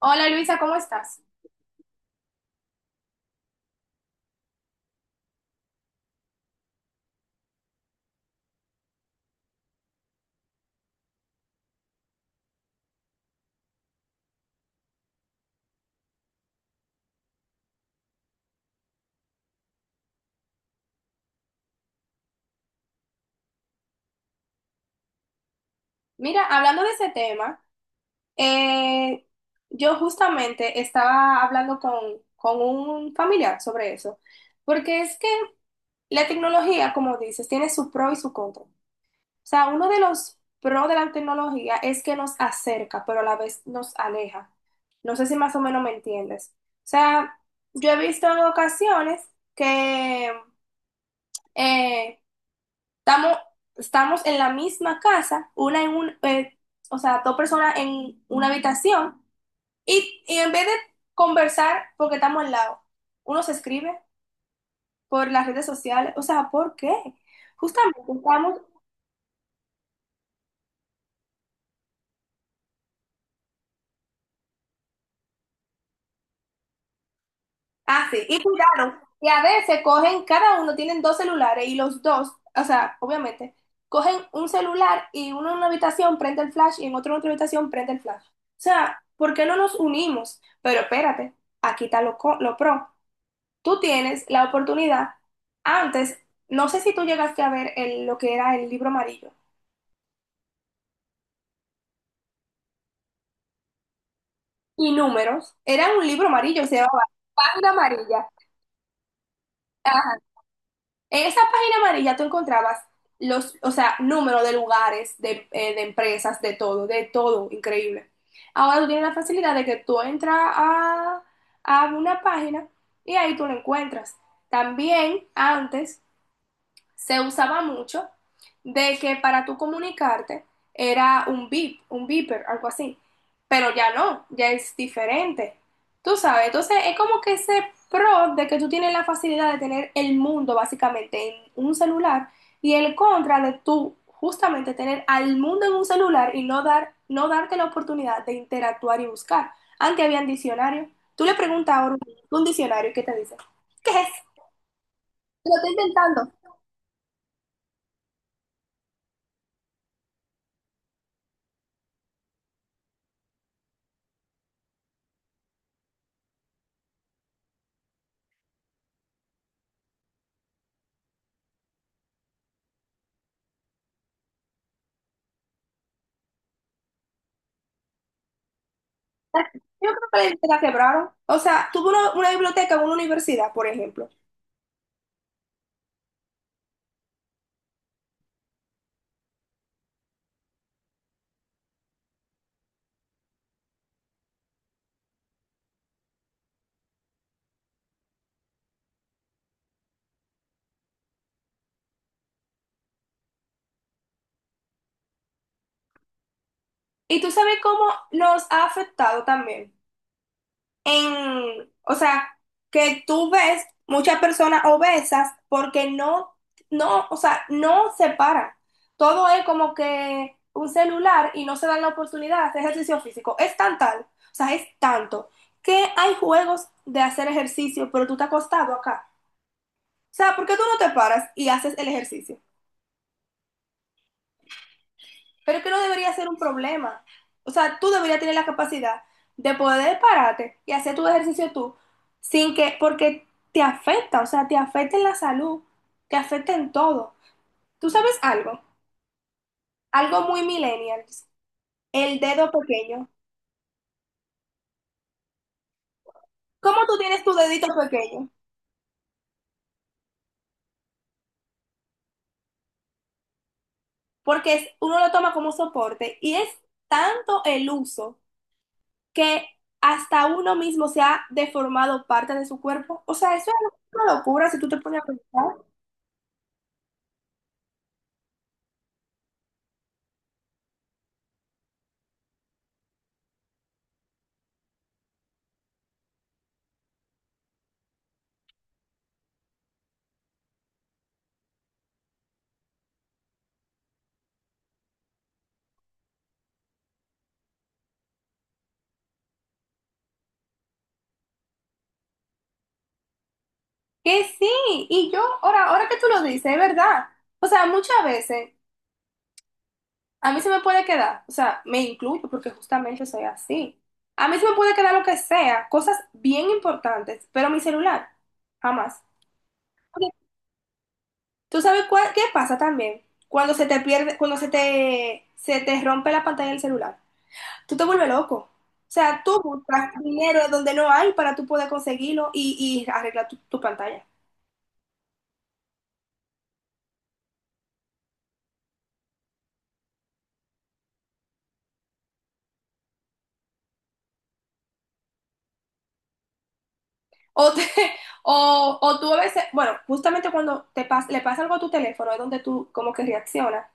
Hola Luisa, ¿cómo estás? Mira, hablando de ese tema, eh, yo justamente estaba hablando con un familiar sobre eso, porque es que la tecnología, como dices, tiene su pro y su contra. O sea, uno de los pros de la tecnología es que nos acerca, pero a la vez nos aleja. No sé si más o menos me entiendes. O sea, yo he visto en ocasiones que eh, Estamos, estamos en la misma casa, una en o sea, dos personas en una habitación, y en vez de conversar, porque estamos al lado, uno se escribe por las redes sociales, o sea, ¿por qué? Justamente estamos así, y cuidado, y a veces cogen, cada uno tienen dos celulares, y los dos, o sea, obviamente, cogen un celular y uno en una habitación prende el flash y en otro en otra habitación prende el flash. O sea, ¿por qué no nos unimos? Pero espérate, aquí está lo pro. Tú tienes la oportunidad, antes, no sé si tú llegaste a ver lo que era el libro amarillo, y números, era un libro amarillo, se llamaba Página Amarilla. En esa página amarilla tú encontrabas o sea, números de lugares, de empresas, de todo, increíble. Ahora tú tienes la facilidad de que tú entras a una página y ahí tú lo encuentras. También antes se usaba mucho de que para tú comunicarte era un beep, un beeper, algo así. Pero ya no, ya es diferente. Tú sabes, entonces es como que ese pro de que tú tienes la facilidad de tener el mundo básicamente en un celular y el contra de tú justamente tener al mundo en un celular y no dar no darte la oportunidad de interactuar y buscar. Antes había un diccionario. Tú le preguntas ahora un diccionario y ¿qué te dice? ¿Qué es? Lo estoy intentando. Yo creo que la biblioteca quebraron. O sea, tuvo una biblioteca en una universidad, por ejemplo. Y tú sabes cómo nos ha afectado también. En, o sea, que tú ves muchas personas obesas porque no, o sea, no se paran. Todo es como que un celular y no se dan la oportunidad de hacer ejercicio físico. O sea, es tanto que hay juegos de hacer ejercicio, pero tú te has acostado acá. O sea, ¿por qué tú no te paras y haces el ejercicio? Pero que no debería ser un problema. O sea, tú deberías tener la capacidad de poder pararte y hacer tu ejercicio tú, sin que, porque te afecta, o sea, te afecta en la salud, te afecta en todo. ¿Tú sabes algo? Algo muy millennials, el dedo pequeño. ¿Cómo tú tienes tu dedito pequeño? Porque uno lo toma como soporte y es tanto el uso que hasta uno mismo se ha deformado parte de su cuerpo. O sea, eso es una locura si tú te pones a pensar. Que sí, y yo, ahora que tú lo dices, es verdad. O sea, muchas veces a mí se me puede o sea, me incluyo porque justamente soy así. A mí se me puede quedar lo que sea, cosas bien importantes, pero mi celular, jamás. Porque, ¿Tú sabes qué pasa también? Cuando se te pierde, cuando se se te rompe la pantalla del celular, tú te vuelves loco. O sea, tú buscas dinero donde no hay para tú poder conseguirlo y arreglar tu pantalla. O, te- o tú a veces, bueno, justamente cuando le pasa algo a tu teléfono es donde tú como que reaccionas.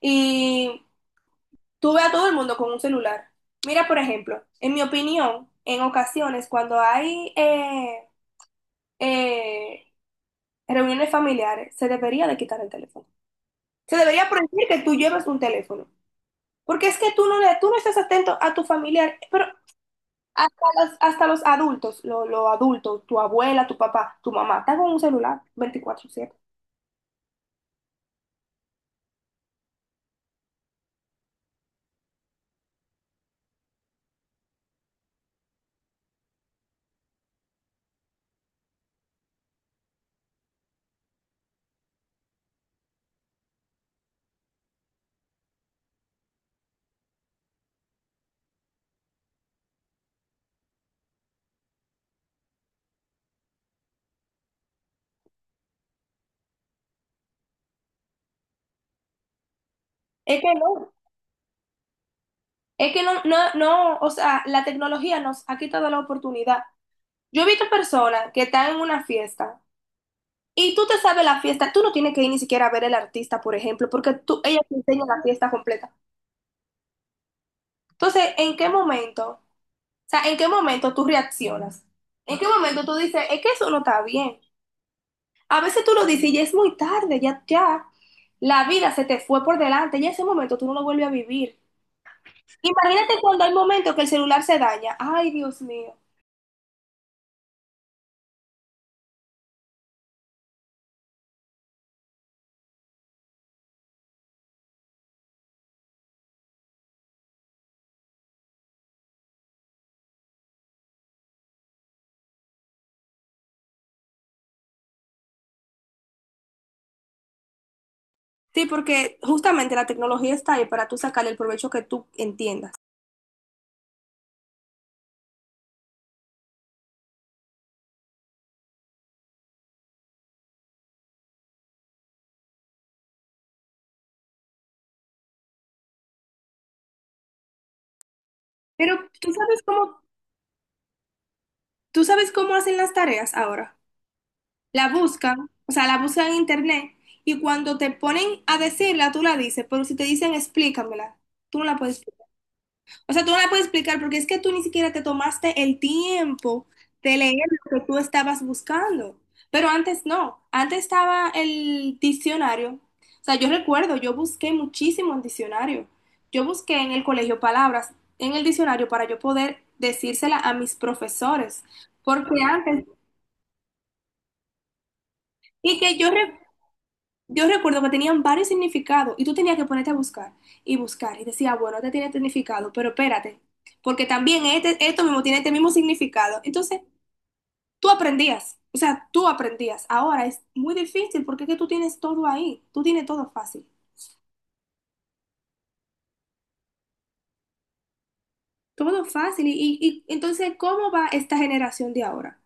Y tú ves a todo el mundo con un celular. Mira, por ejemplo, en mi opinión, en ocasiones cuando hay eh, reuniones familiares, se debería de quitar el teléfono. Se debería prohibir que tú lleves un teléfono. Porque es que tú tú no estás atento a tu familiar, pero hasta los adultos, los adultos, tu abuela, tu papá, tu mamá, están con un celular 24/7. Es que no, es que no, no, no, o sea, la tecnología nos ha quitado la oportunidad. Yo he visto personas que están en una fiesta y tú te sabes la fiesta, tú no tienes que ir ni siquiera a ver el artista, por ejemplo, porque tú, ella te enseña la fiesta completa. Entonces, ¿en qué momento? O sea, ¿en qué momento tú reaccionas? ¿En qué momento tú dices, es que eso no está bien? A veces tú lo dices y ya es muy tarde, la vida se te fue por delante, ya ese momento tú no lo vuelves a vivir. Imagínate cuando hay momentos que el celular se daña. Ay, Dios mío. Sí, porque justamente la tecnología está ahí para tú sacarle el provecho que tú entiendas. Pero tú sabes cómo, tú sabes cómo hacen las tareas ahora. La buscan, o sea, la buscan en internet y cuando te ponen a decirla, tú la dices, pero si te dicen explícamela, tú no la puedes. O sea, tú no la puedes explicar porque es que tú ni siquiera te tomaste el tiempo de leer lo que tú estabas buscando. Pero antes no, antes estaba el diccionario. O sea, yo recuerdo, yo busqué muchísimo en diccionario. Yo busqué en el colegio palabras en el diccionario para yo poder decírsela a mis profesores. Porque antes, y que yo recuerdo Yo recuerdo que tenían varios significados y tú tenías que ponerte a buscar y buscar y decía, bueno, este tiene este significado, pero espérate, porque también esto mismo tiene este mismo significado. Entonces, o sea, tú aprendías. Ahora es muy difícil porque es que tú tienes todo ahí, tú tienes todo fácil, todo fácil. Y entonces, ¿cómo va esta generación de ahora?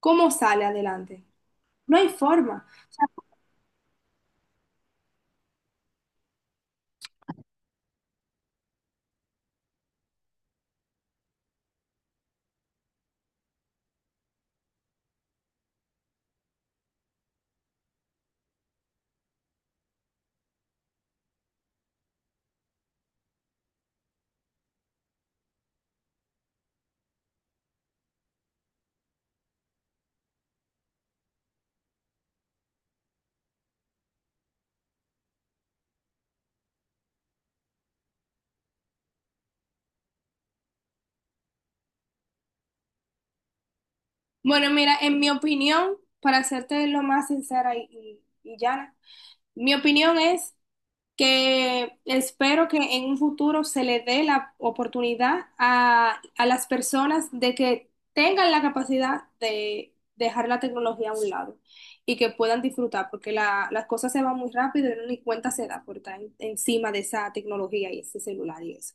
¿Cómo sale adelante? No hay forma. Bueno, mira, en mi opinión, para serte lo más sincera y llana, mi opinión es que espero que en un futuro se le dé la oportunidad a las personas de que tengan la capacidad de dejar la tecnología a un lado y que puedan disfrutar, porque las cosas se van muy rápido y uno ni cuenta se da por estar encima de esa tecnología y ese celular y eso.